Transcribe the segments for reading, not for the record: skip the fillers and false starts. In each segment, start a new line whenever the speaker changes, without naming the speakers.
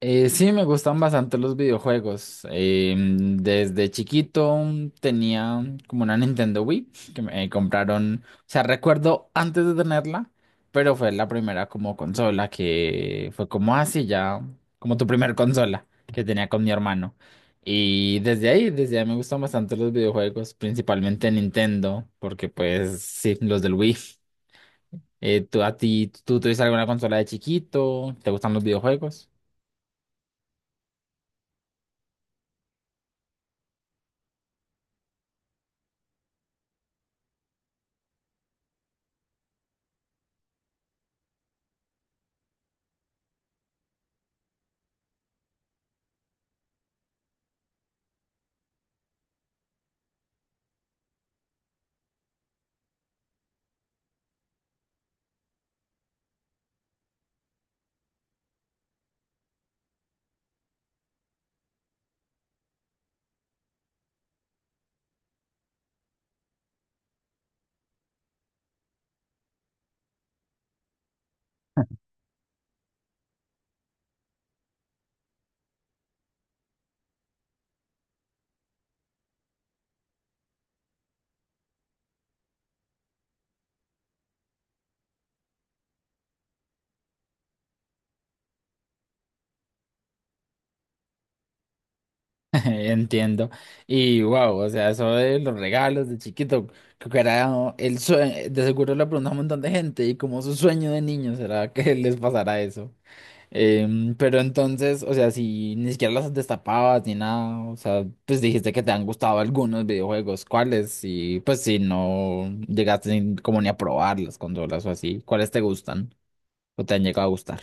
Sí, me gustan bastante los videojuegos. Desde chiquito tenía como una Nintendo Wii que me compraron. O sea, recuerdo antes de tenerla, pero fue la primera como consola que fue como así ya, como tu primer consola que tenía con mi hermano. Y desde ahí me gustan bastante los videojuegos, principalmente Nintendo, porque pues sí, los del Wii. ¿Tú a ti, tú tuviste alguna consola de chiquito? ¿Te gustan los videojuegos? Entiendo. Y wow, o sea, eso de los regalos de chiquito, creo que era el sueño, de seguro le preguntó a un montón de gente y como su sueño de niño será que les pasara eso. Pero entonces, o sea, si ni siquiera las destapabas ni nada, o sea, pues dijiste que te han gustado algunos videojuegos, ¿cuáles? Y pues si no llegaste ni- como ni a probar las consolas o así, ¿cuáles te gustan o te han llegado a gustar?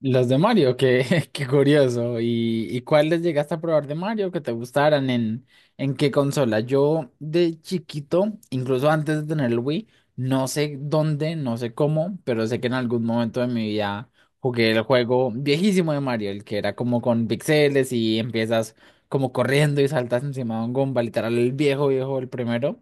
Los de Mario, qué, qué curioso. Y cuáles llegaste a probar de Mario que te gustaran? En qué consola? Yo de chiquito, incluso antes de tener el Wii, no sé dónde, no sé cómo, pero sé que en algún momento de mi vida jugué el juego viejísimo de Mario, el que era como con pixeles y empiezas como corriendo y saltas encima de un Goomba, literal el viejo, viejo, el primero.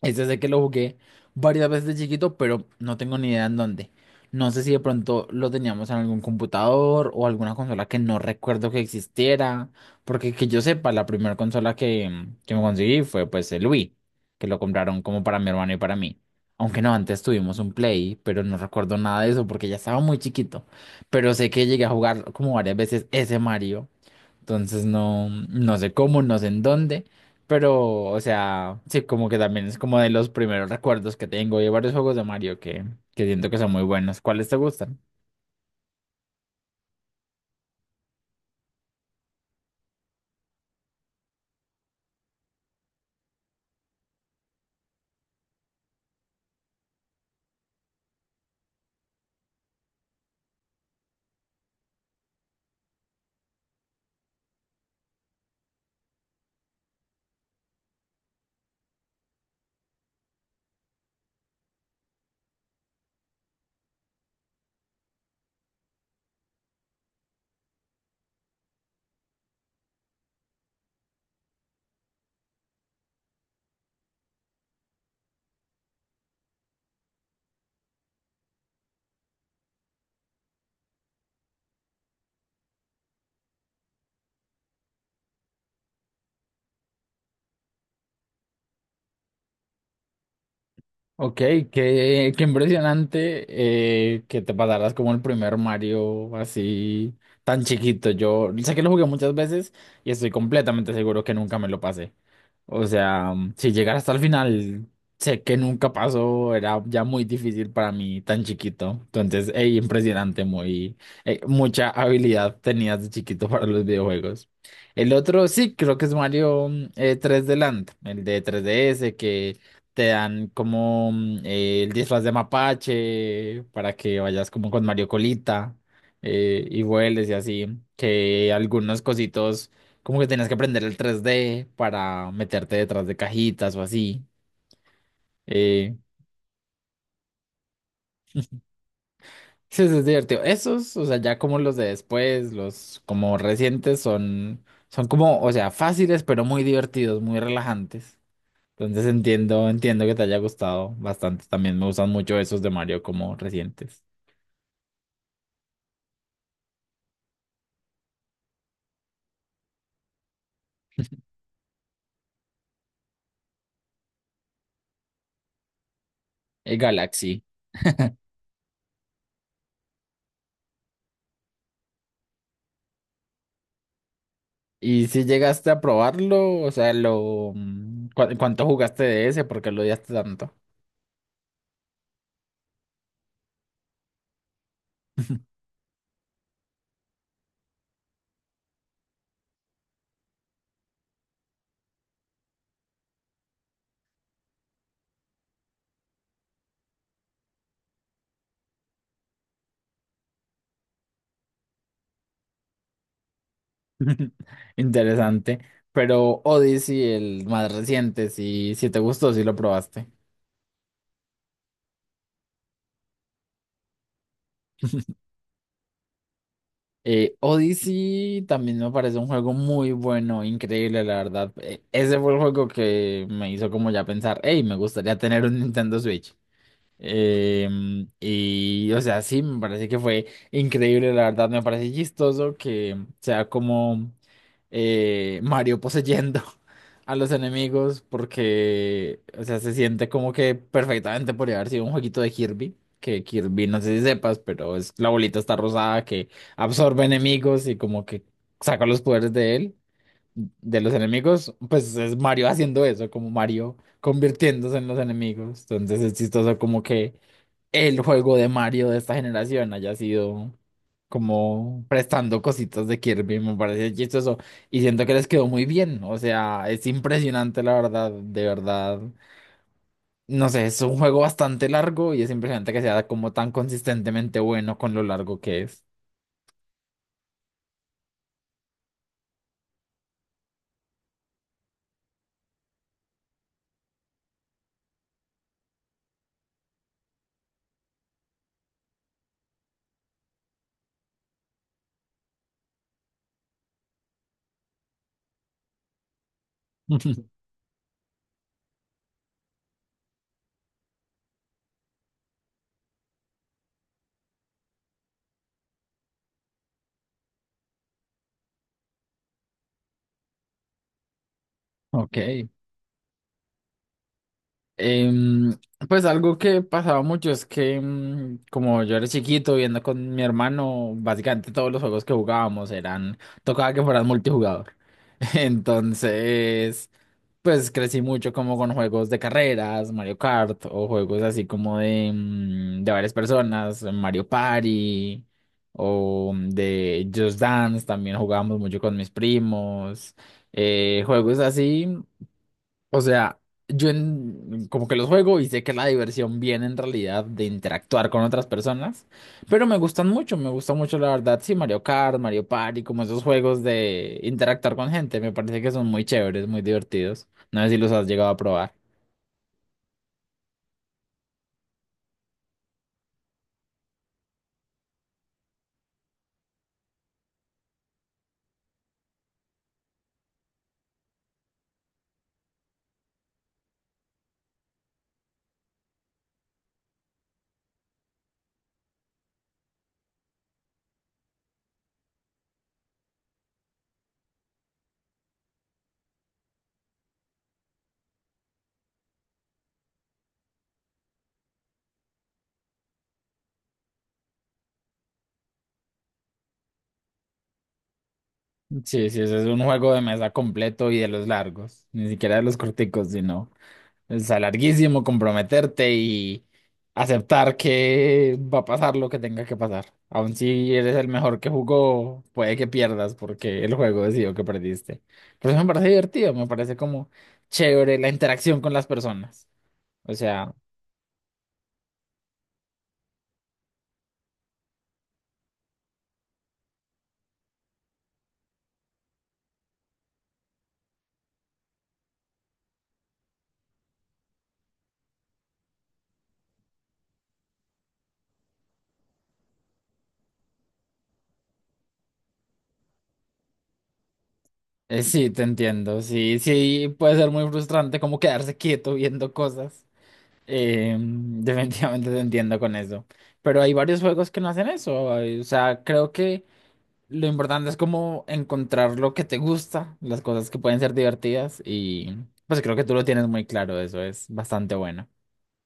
Es desde que lo jugué varias veces de chiquito, pero no tengo ni idea en dónde. No sé si de pronto lo teníamos en algún computador o alguna consola que no recuerdo que existiera, porque que yo sepa, la primera consola que, mm, que me conseguí fue pues el Wii, que lo compraron como para mi hermano y para mí. Aunque no, antes tuvimos un Play, pero no recuerdo nada de eso porque ya estaba muy chiquito. Pero sé que llegué a jugar como varias veces ese Mario. Entonces no, no sé cómo, no sé en dónde, pero, o sea, sí, como que también es como de los primeros recuerdos que tengo de varios juegos de Mario que siento que son muy buenos. ¿Cuáles te gustan? Ok, qué, qué impresionante que te pasaras como el primer Mario así tan chiquito. Yo sé que lo jugué muchas veces y estoy completamente seguro que nunca me lo pasé. O sea, mm, si llegar hasta el final, sé que nunca pasó, era ya muy difícil para mí tan chiquito. Entonces, ey, impresionante, muy, mucha habilidad tenías de chiquito para los videojuegos. El otro sí, creo que es Mario 3D Land, el de 3DS, que te dan como el disfraz de mapache para que vayas como con Mario Colita y vueles y así, que algunos cositos como que tenías que aprender el 3D para meterte detrás de cajitas o así. Eh, sí, eso es divertido. Esos, o sea, ya como los de después, los como recientes, son, son como, o sea, fáciles, pero muy divertidos, muy relajantes. Entonces entiendo que te haya gustado bastante. También me gustan mucho esos de Mario como recientes. El Galaxy. ¿Y si llegaste a probarlo? O sea, lo, mm, ¿cu- ¿cuánto jugaste de ese? ¿Por qué lo odiaste tanto? Interesante. Pero Odyssey, el más reciente, si, si te gustó, si lo probaste. Odyssey también me parece un juego muy bueno, increíble, la verdad. Ese fue el juego que me hizo como ya pensar, hey, me gustaría tener un Nintendo Switch. Y, o sea, sí, me parece que fue increíble, la verdad, me parece chistoso que sea como Mario poseyendo a los enemigos, porque, o sea, se siente como que perfectamente podría haber sido un jueguito de Kirby, que Kirby, no sé si sepas, pero es la bolita está rosada que absorbe enemigos y como que saca los poderes de él, de los enemigos, pues es Mario haciendo eso, como Mario convirtiéndose en los enemigos. Entonces es chistoso como que el juego de Mario de esta generación haya sido como prestando cositas de Kirby, me parece chistoso y siento que les quedó muy bien, o sea, es impresionante la verdad, de verdad. No sé, es un juego bastante largo y es impresionante que sea como tan consistentemente bueno con lo largo que es. Ok. Em, pues algo que pasaba mucho es que como yo era chiquito viendo con mi hermano, básicamente todos los juegos que jugábamos eran, tocaba que fueran multijugador. Entonces, pues crecí mucho como con juegos de carreras, Mario Kart o juegos así como de, mm, de varias personas, Mario Party o de Just Dance, también jugábamos mucho con mis primos, juegos así. O sea, yo en- como que los juego y sé que la diversión viene en realidad de interactuar con otras personas, pero me gustan mucho, me gusta mucho la verdad, sí, Mario Kart, Mario Party, como esos juegos de interactuar con gente, me parece que son muy chéveres, muy divertidos. No sé si los has llegado a probar. Sí, sí, ese es un juego de mesa completo y de los largos, ni siquiera de los corticos, sino... Es a larguísimo comprometerte y aceptar que va a pasar lo que tenga que pasar. Aun si eres el mejor que jugó, puede que pierdas porque el juego decidió que perdiste. Pero eso me parece divertido, me parece como chévere la interacción con las personas. O sea, sí, te entiendo. Sí, sí, puede ser muy frustrante como quedarse quieto viendo cosas. Definitivamente te entiendo con eso. Pero hay varios juegos que no hacen eso. O sea, creo que... Lo importante es como encontrar lo que te gusta, las cosas que pueden ser divertidas y pues creo que tú lo tienes muy claro, eso es bastante bueno.